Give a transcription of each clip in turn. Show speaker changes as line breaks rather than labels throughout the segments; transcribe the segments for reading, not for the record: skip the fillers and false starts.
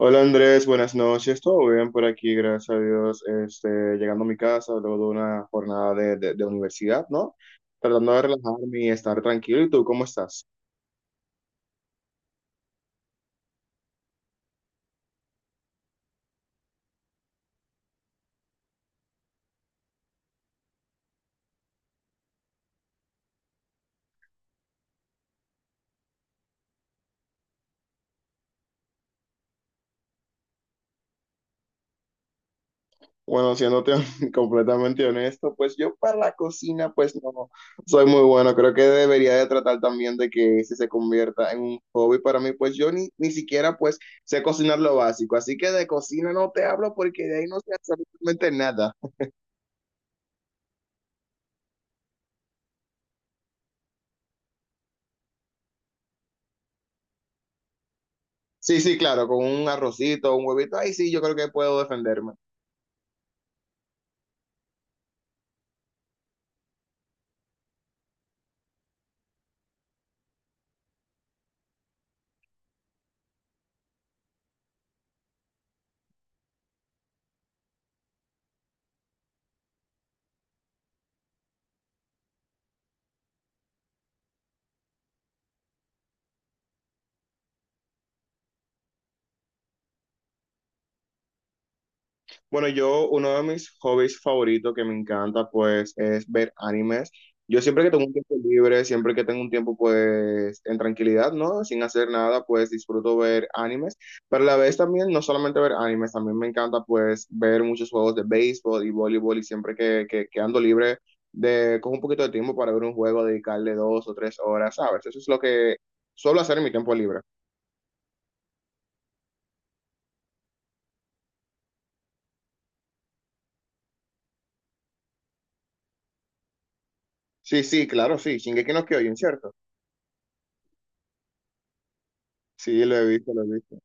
Hola Andrés, buenas noches. Todo bien por aquí, gracias a Dios. Llegando a mi casa luego de una jornada de universidad, ¿no? Tratando de relajarme y estar tranquilo. ¿Y tú cómo estás? Bueno, siéndote completamente honesto, pues yo para la cocina, pues no soy muy bueno. Creo que debería de tratar también de que ese se convierta en un hobby para mí, pues yo ni siquiera pues sé cocinar lo básico. Así que de cocina no te hablo porque de ahí no sé absolutamente nada. Sí, sí, claro, con un arrocito, un huevito, ahí sí, yo creo que puedo defenderme. Bueno, yo, uno de mis hobbies favoritos que me encanta, pues, es ver animes. Yo siempre que tengo un tiempo libre, siempre que tengo un tiempo, pues, en tranquilidad, ¿no? Sin hacer nada, pues, disfruto ver animes. Pero a la vez también, no solamente ver animes, también me encanta, pues, ver muchos juegos de béisbol y voleibol y siempre que ando libre, de, con un poquito de tiempo para ver un juego, dedicarle 2 o 3 horas, ¿sabes? Eso es lo que suelo hacer en mi tiempo libre. Sí, sí, claro, sí. Shingeki no Kyojin, ¿cierto? Sí, lo he visto, lo he visto.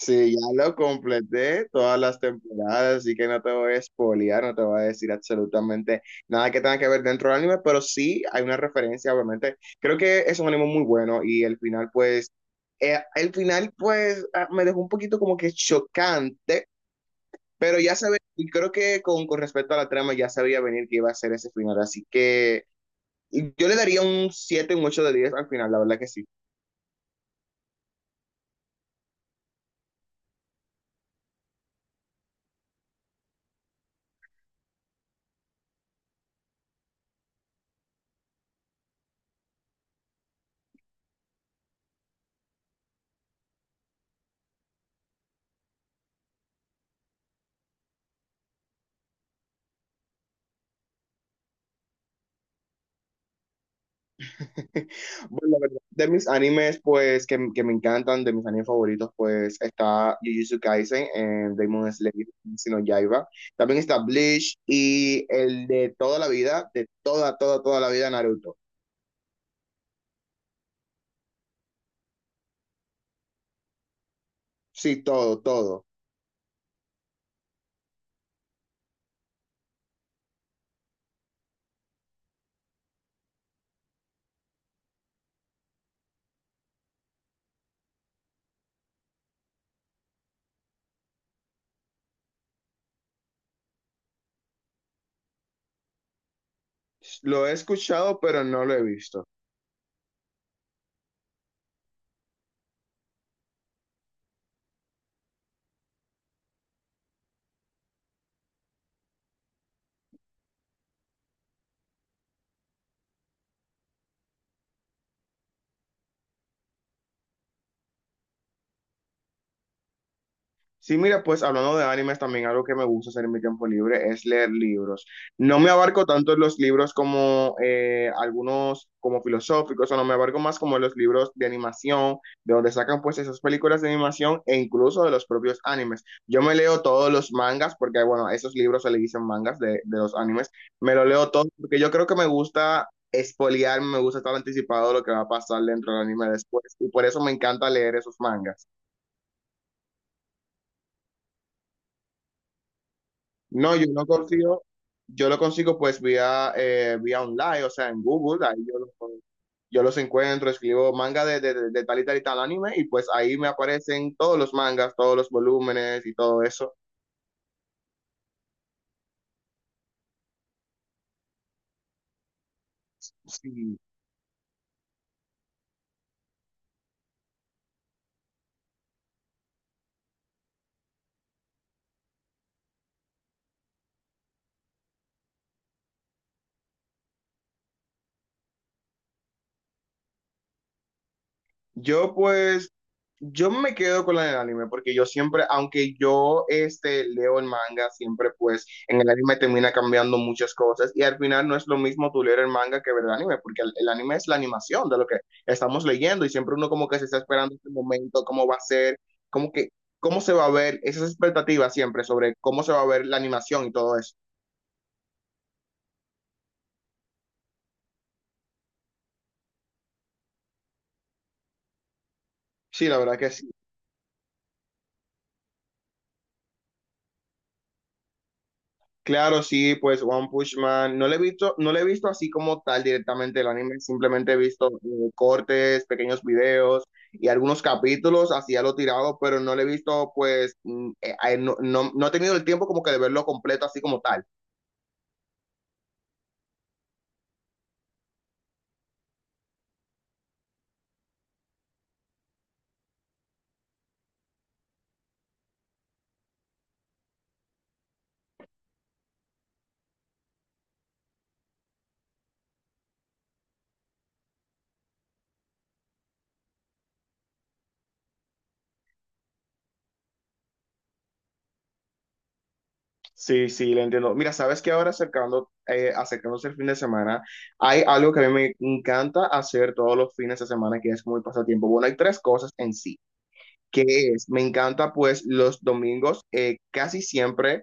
Sí, ya lo completé todas las temporadas, así que no te voy a spoilear, no te voy a decir absolutamente nada que tenga que ver dentro del anime, pero sí hay una referencia, obviamente. Creo que es un anime muy bueno y el final, pues, ah, me dejó un poquito como que chocante, pero ya sabía, y creo que con respecto a la trama ya sabía venir que iba a ser ese final, así que yo le daría un 7, un 8 de 10 al final, la verdad que sí. Bueno, la verdad, de mis animes, pues, que me encantan, de mis animes favoritos, pues, está Jujutsu Kaisen, Demon Slayer, Kimetsu no Yaiba. También está Bleach y el de toda la vida, de toda, toda, toda la vida, Naruto. Sí, todo, todo. Lo he escuchado, pero no lo he visto. Sí, mira, pues hablando de animes, también algo que me gusta hacer en mi tiempo libre es leer libros. No me abarco tanto en los libros como algunos como filosóficos, o no me abarco más como los libros de animación, de donde sacan pues esas películas de animación e incluso de los propios animes. Yo me leo todos los mangas, porque bueno, a esos libros se le dicen mangas de los animes, me lo leo todo, porque yo creo que me gusta espoliar, me gusta estar anticipado de lo que va a pasar dentro del anime después, y por eso me encanta leer esos mangas. No, yo lo consigo pues vía, vía online, o sea, en Google, ahí yo los encuentro, escribo manga de tal y tal y tal anime y pues ahí me aparecen todos los mangas, todos los volúmenes y todo eso. Sí. Yo pues, yo me quedo con la del anime porque yo siempre, aunque yo este, leo el manga, siempre pues en el anime termina cambiando muchas cosas y al final no es lo mismo tú leer el manga que ver el anime porque el anime es la animación de lo que estamos leyendo y siempre uno como que se está esperando este momento, cómo va a ser, cómo que, cómo se va a ver, esas expectativas siempre sobre cómo se va a ver la animación y todo eso. Sí, la verdad que sí. Claro, sí, pues One Punch Man, no le he visto, no le he visto así como tal directamente el anime, simplemente he visto cortes, pequeños videos y algunos capítulos, así a lo tirado, pero no le he visto pues, mm, no, no, no he tenido el tiempo como que de verlo completo así como tal. Sí, sí, lo entiendo. Mira, sabes que ahora acercando, acercándose el fin de semana, hay algo que a mí me encanta hacer todos los fines de semana que es como el pasatiempo. Bueno, hay tres cosas en sí, que es, me encanta pues los domingos, casi siempre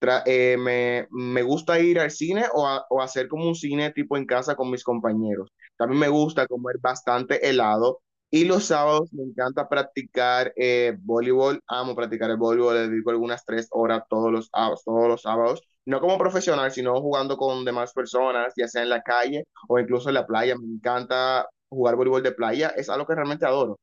me gusta ir al cine o hacer como un cine tipo en casa con mis compañeros. También me gusta comer bastante helado y los sábados me encanta practicar voleibol, amo practicar el voleibol, le dedico algunas 3 horas todos sábados todos los sábados. No como profesional, sino jugando con demás personas, ya sea en la calle o incluso en la playa. Me encanta jugar voleibol de playa, es algo que realmente adoro.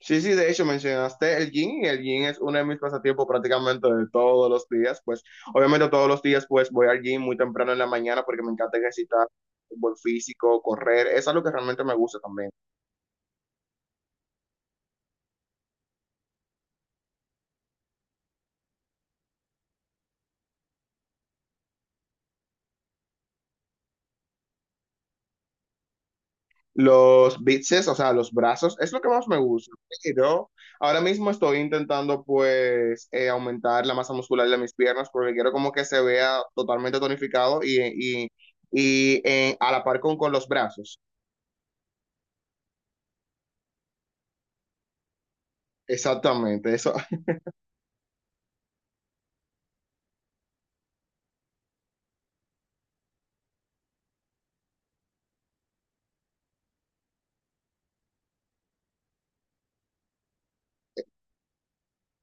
Sí, sí, de hecho mencionaste el gym y el gym es uno de mis pasatiempos prácticamente de todos los días, pues obviamente todos los días pues voy al gym muy temprano en la mañana porque me encanta ejercitar fútbol físico, correr, es algo que realmente me gusta también. Los bíceps, o sea, los brazos, es lo que más me gusta, pero ahora mismo estoy intentando pues aumentar la masa muscular de mis piernas porque quiero como que se vea totalmente tonificado y a la par con los brazos. Exactamente, eso.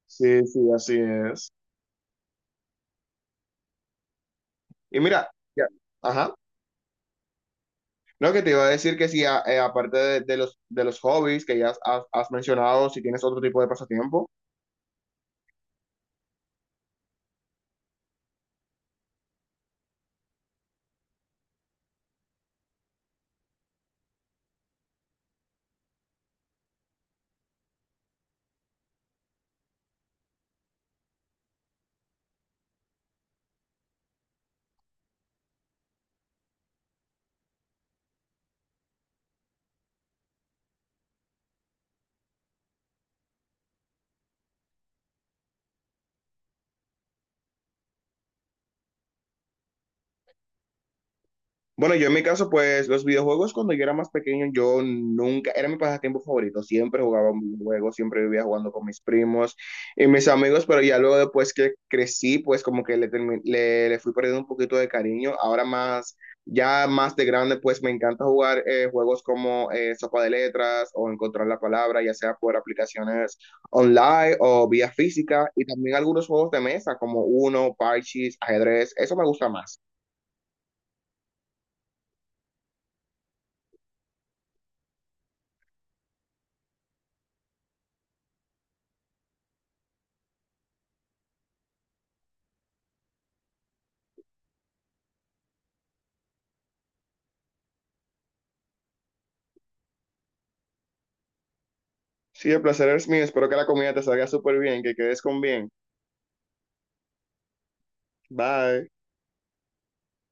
Sí, sí, así es. Y mira, ya- ajá. Lo que te iba a decir que sí, aparte de los hobbies que has mencionado, si tienes otro tipo de pasatiempo. Bueno, yo en mi caso, pues los videojuegos cuando yo era más pequeño, yo nunca, era mi pasatiempo favorito, siempre jugaba un videojuego, siempre vivía jugando con mis primos y mis amigos, pero ya luego después que crecí, pues como que le, le fui perdiendo un poquito de cariño, ahora más, ya más de grande, pues me encanta jugar juegos como Sopa de Letras o Encontrar la Palabra, ya sea por aplicaciones online o vía física y también algunos juegos de mesa como Uno, Parchís, ajedrez, eso me gusta más. Sí, el placer es mío. Espero que la comida te salga súper bien, que quedes con bien. Bye.